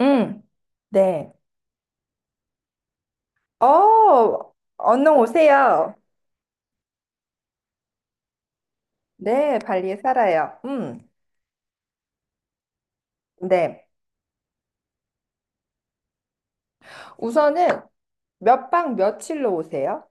응, 네. 어, 언능 오세요. 네, 발리에 살아요. 네. 우선은 몇 박 며칠로 오세요?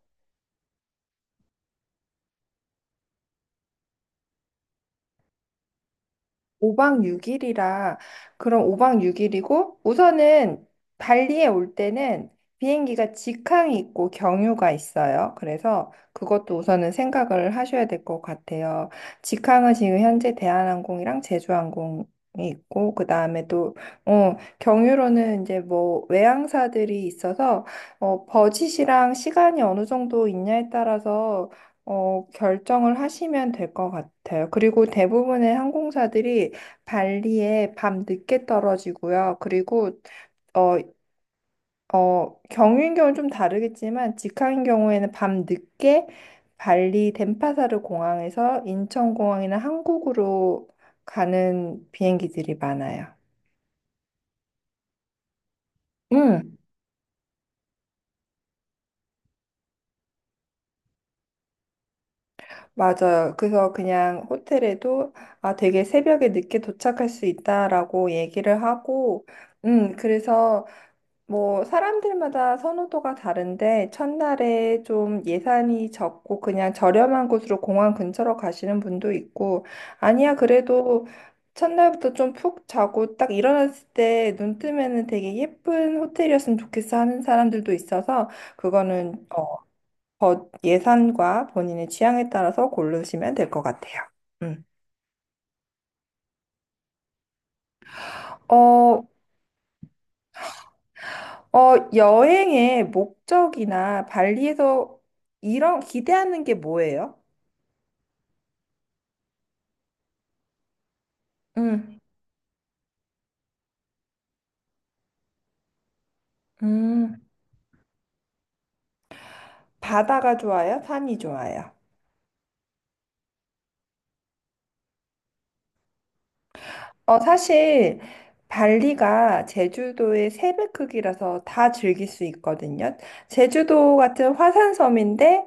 5박 6일이라 그럼 5박 6일이고 우선은 발리에 올 때는 비행기가 직항이 있고 경유가 있어요. 그래서 그것도 우선은 생각을 하셔야 될 것 같아요. 직항은 지금 현재 대한항공이랑 제주항공이 있고 그 다음에 또 경유로는 이제 뭐 외항사들이 있어서 버짓이랑 시간이 어느 정도 있냐에 따라서 결정을 하시면 될 것 같아요. 그리고 대부분의 항공사들이 발리에 밤 늦게 떨어지고요. 그리고 어, 경유인 경우는 좀 다르겠지만 직항인 경우에는 밤 늦게 발리 덴파사르 공항에서 인천공항이나 한국으로 가는 비행기들이 많아요. 음, 맞아요. 그래서 그냥 호텔에도 아, 되게 새벽에 늦게 도착할 수 있다라고 얘기를 하고, 그래서 뭐, 사람들마다 선호도가 다른데, 첫날에 좀 예산이 적고 그냥 저렴한 곳으로 공항 근처로 가시는 분도 있고, 아니야, 그래도 첫날부터 좀 푹 자고 딱 일어났을 때 눈 뜨면은 되게 예쁜 호텔이었으면 좋겠어 하는 사람들도 있어서, 그거는 예산과 본인의 취향에 따라서 고르시면 될 것 같아요. 음. 어, 여행의 목적이나 발리에서 이런 기대하는 게 뭐예요? 음, 음, 바다가 좋아요? 산이 좋아요? 사실 발리가 제주도의 세 배 크기라서 다 즐길 수 있거든요. 제주도 같은 화산섬인데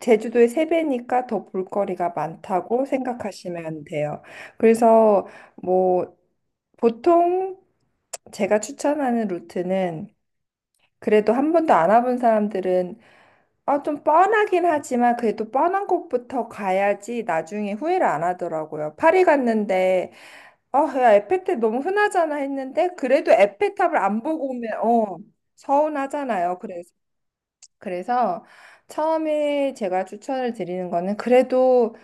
제주도의 세 배니까 더 볼거리가 많다고 생각하시면 돼요. 그래서 뭐 보통 제가 추천하는 루트는 그래도 한 번도 안 와본 사람들은 아, 좀 뻔하긴 하지만 그래도 뻔한 곳부터 가야지 나중에 후회를 안 하더라고요. 파리 갔는데, 야, 에펠탑 너무 흔하잖아 했는데, 그래도 에펠탑을 안 보고 오면, 서운하잖아요. 그래서 처음에 제가 추천을 드리는 거는 그래도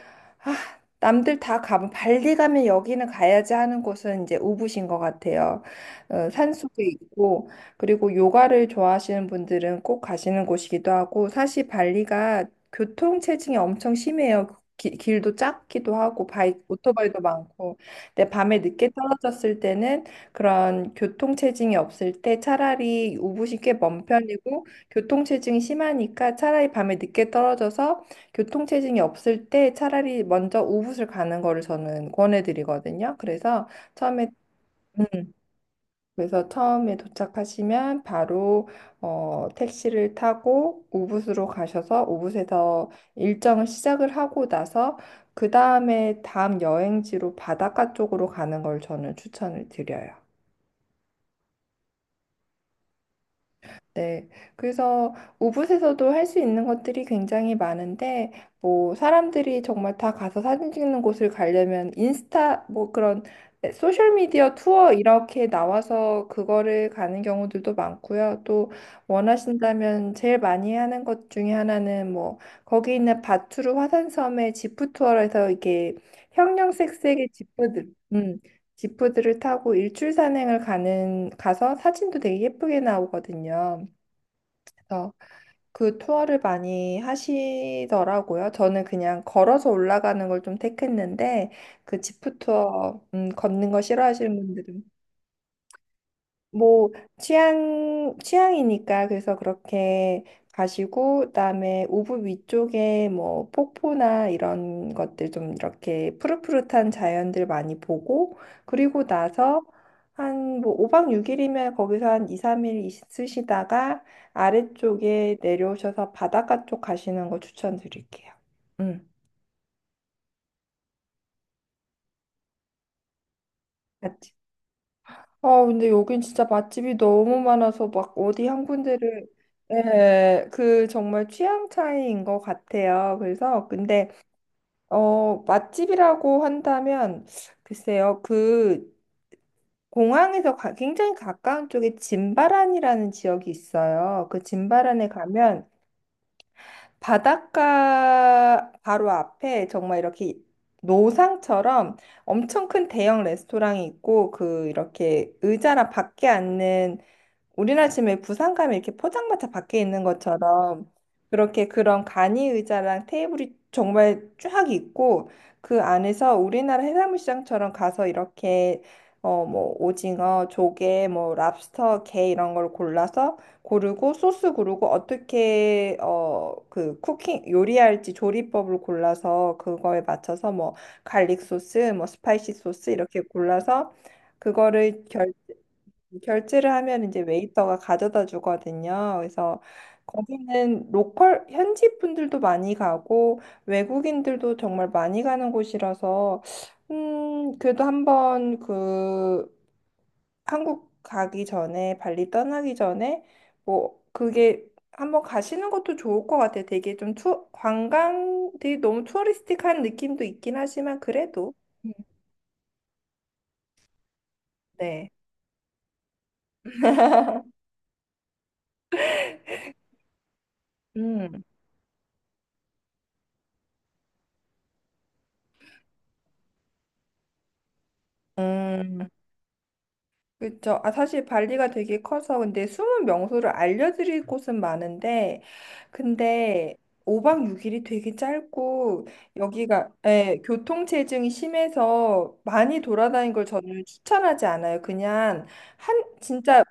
아, 남들 다 가면 발리 가면 여기는 가야지 하는 곳은 이제 우붓인 것 같아요. 산속에 있고 그리고 요가를 좋아하시는 분들은 꼭 가시는 곳이기도 하고 사실 발리가 교통 체증이 엄청 심해요. 길도 작기도 하고 오토바이도 많고 근데 밤에 늦게 떨어졌을 때는 그런 교통 체증이 없을 때 차라리 우붓이 꽤 먼 편이고 교통체증이 심하니까 차라리 밤에 늦게 떨어져서 교통체증이 없을 때 차라리 먼저 우붓을 가는 거를 저는 권해드리거든요. 처음에 음, 그래서 처음에 도착하시면 바로 택시를 타고 우붓으로 가셔서 우붓에서 일정을 시작을 하고 나서 그 다음에 다음 여행지로 바닷가 쪽으로 가는 걸 저는 추천을 드려요. 네. 그래서 우붓에서도 할 수 있는 것들이 굉장히 많은데, 뭐, 사람들이 정말 다 가서 사진 찍는 곳을 가려면 뭐 그런 소셜미디어 투어 이렇게 나와서 그거를 가는 경우들도 많고요. 또 원하신다면 제일 많이 하는 것 중에 하나는 뭐, 거기 있는 바투르 화산섬의 지프 투어에서 이게 형형색색의 음, 지프들을 타고 일출 산행을 가는 가서 사진도 되게 예쁘게 나오거든요. 그래서 그 투어를 많이 하시더라고요. 저는 그냥 걸어서 올라가는 걸 좀 택했는데 그 지프 투어 걷는 거 싫어하시는 분들은 뭐 취향이니까 그래서 그렇게 가시고 그다음에 오브 위쪽에 뭐 폭포나 이런 것들 좀 이렇게 푸릇푸릇한 자연들 많이 보고 그리고 나서 한 뭐 5박 6일이면 거기서 한 2, 3일 있으시다가 아래쪽에 내려오셔서 바닷가 쪽 가시는 거 추천드릴게요. 음. 아, 근데 여긴 진짜 맛집이 너무 많아서 막 어디 한 군데를. 예, 그 정말 취향 차이인 것 같아요. 그래서 근데 맛집이라고 한다면 글쎄요 그 공항에서 굉장히 가까운 쪽에 진바란이라는 지역이 있어요. 그 진바란에 가면 바닷가 바로 앞에 정말 이렇게 노상처럼 엄청 큰 대형 레스토랑이 있고 그 이렇게 의자랑 밖에 앉는 우리나라 지금 왜 부산 가면 이렇게 포장마차 밖에 있는 것처럼 그렇게 그런 간이 의자랑 테이블이 정말 쫙 있고 그 안에서 우리나라 해산물 시장처럼 가서 이렇게 뭐 오징어, 조개, 뭐 랍스터, 게 이런 걸 골라서 고르고 소스 고르고 어떻게 그 쿠킹 요리할지 조리법을 골라서 그거에 맞춰서 뭐 갈릭 소스, 뭐 스파이시 소스 이렇게 골라서 그거를 결 결제를 하면 이제 웨이터가 가져다 주거든요. 그래서 거기는 로컬 현지 분들도 많이 가고 외국인들도 정말 많이 가는 곳이라서 그래도 한번 그 한국 가기 전에 발리 떠나기 전에 뭐 그게 한번 가시는 것도 좋을 것 같아요. 되게 좀 관광 되게 너무 투어리스틱한 느낌도 있긴 하지만 그래도 음, 네. 음. 음. 그렇죠. 아, 사실 발리가 되게 커서 근데 숨은 명소를 알려드릴 곳은 많은데 근데 5박 6일이 되게 짧고 여기가 예, 교통체증이 심해서 많이 돌아다닌 걸 저는 추천하지 않아요. 그냥 한 진짜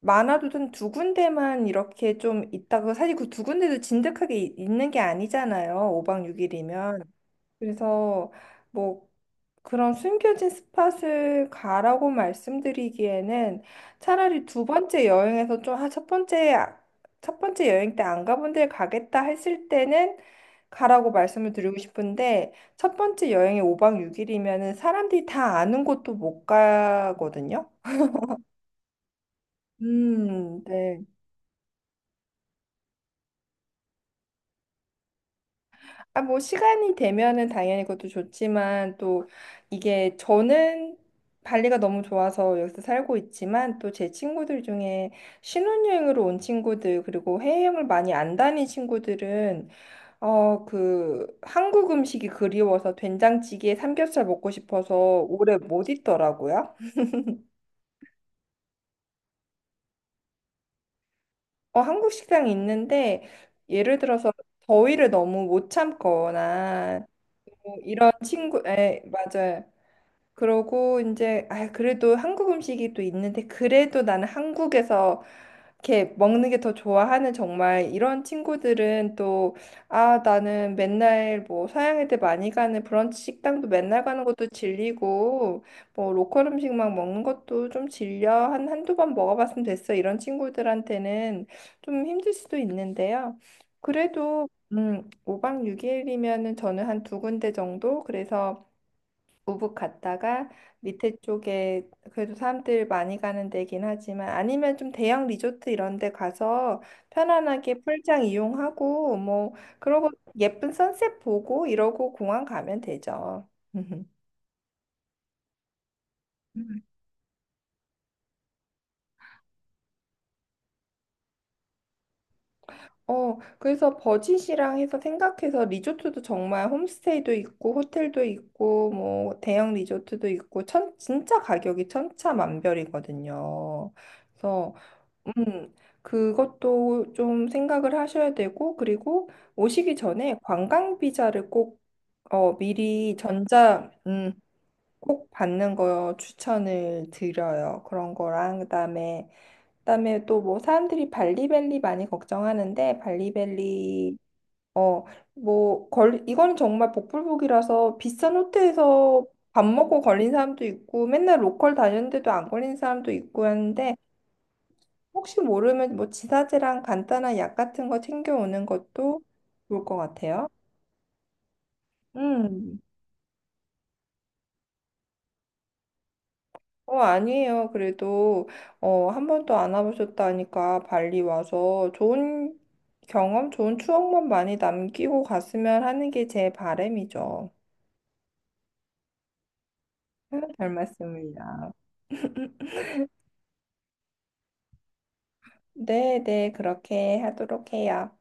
많아도 한 두 군데만 이렇게 좀 있다가 사실 그 두 군데도 진득하게 있는 게 아니잖아요. 5박 6일이면. 그래서 뭐 그런 숨겨진 스팟을 가라고 말씀드리기에는 차라리 두 번째 여행에서 좀, 아, 첫 번째 여행 때 안 가본 데 가겠다 했을 때는 가라고 말씀을 드리고 싶은데 첫 번째 여행이 5박 6일이면은 사람들이 다 아는 곳도 못 가거든요. 네. 아, 뭐, 시간이 되면은 당연히 그것도 좋지만, 또, 이게 저는 발리가 너무 좋아서 여기서 살고 있지만, 또 제 친구들 중에 신혼여행으로 온 친구들, 그리고 해외여행을 많이 안 다닌 친구들은, 한국 음식이 그리워서 된장찌개에 삼겹살 먹고 싶어서 오래 못 있더라고요. 한국 식당이 있는데, 예를 들어서 더위를 너무 못 참거나, 뭐 이런 친구, 맞아요. 그러고 이제 아 그래도 한국 음식이 또 있는데 그래도 나는 한국에서 이렇게 먹는 게 더 좋아하는 정말 이런 친구들은 또 아 나는 맨날 뭐 서양 애들 많이 가는 브런치 식당도 맨날 가는 것도 질리고 뭐 로컬 음식만 먹는 것도 좀 질려 한 한두 번 먹어봤으면 됐어 이런 친구들한테는 좀 힘들 수도 있는데요. 그래도 5박 6일이면은 저는 한 두 군데 정도 그래서 우붓 갔다가 밑에 쪽에 그래도 사람들 많이 가는 데긴 하지만 아니면 좀 대형 리조트 이런 데 가서 편안하게 풀장 이용하고 뭐 그러고 예쁜 선셋 보고 이러고 공항 가면 되죠. 음. 그래서 버짓이랑 해서 생각해서 리조트도 정말 홈스테이도 있고 호텔도 있고 뭐 대형 리조트도 있고 천 진짜 가격이 천차만별이거든요. 그래서 음, 그것도 좀 생각을 하셔야 되고, 그리고 오시기 전에 관광 비자를 꼭 미리 전자 꼭 받는 거 추천을 드려요. 그런 거랑 그다음에 또 뭐 사람들이 발리밸리 많이 걱정하는데 발리밸리 어, 뭐 이건 정말 복불복이라서 비싼 호텔에서 밥 먹고 걸린 사람도 있고 맨날 로컬 다녔는데도 안 걸린 사람도 있고 하는데 혹시 모르면 뭐 지사제랑 간단한 약 같은 거 챙겨오는 것도 좋을 것 같아요. 음. 아니에요. 그래도 한 번도 안 와보셨다니까 발리 와서 좋은 경험, 좋은 추억만 많이 남기고 갔으면 하는 게 제 바람이죠. 잘 맞습니다. 네, 네, 그렇게 하도록 해요.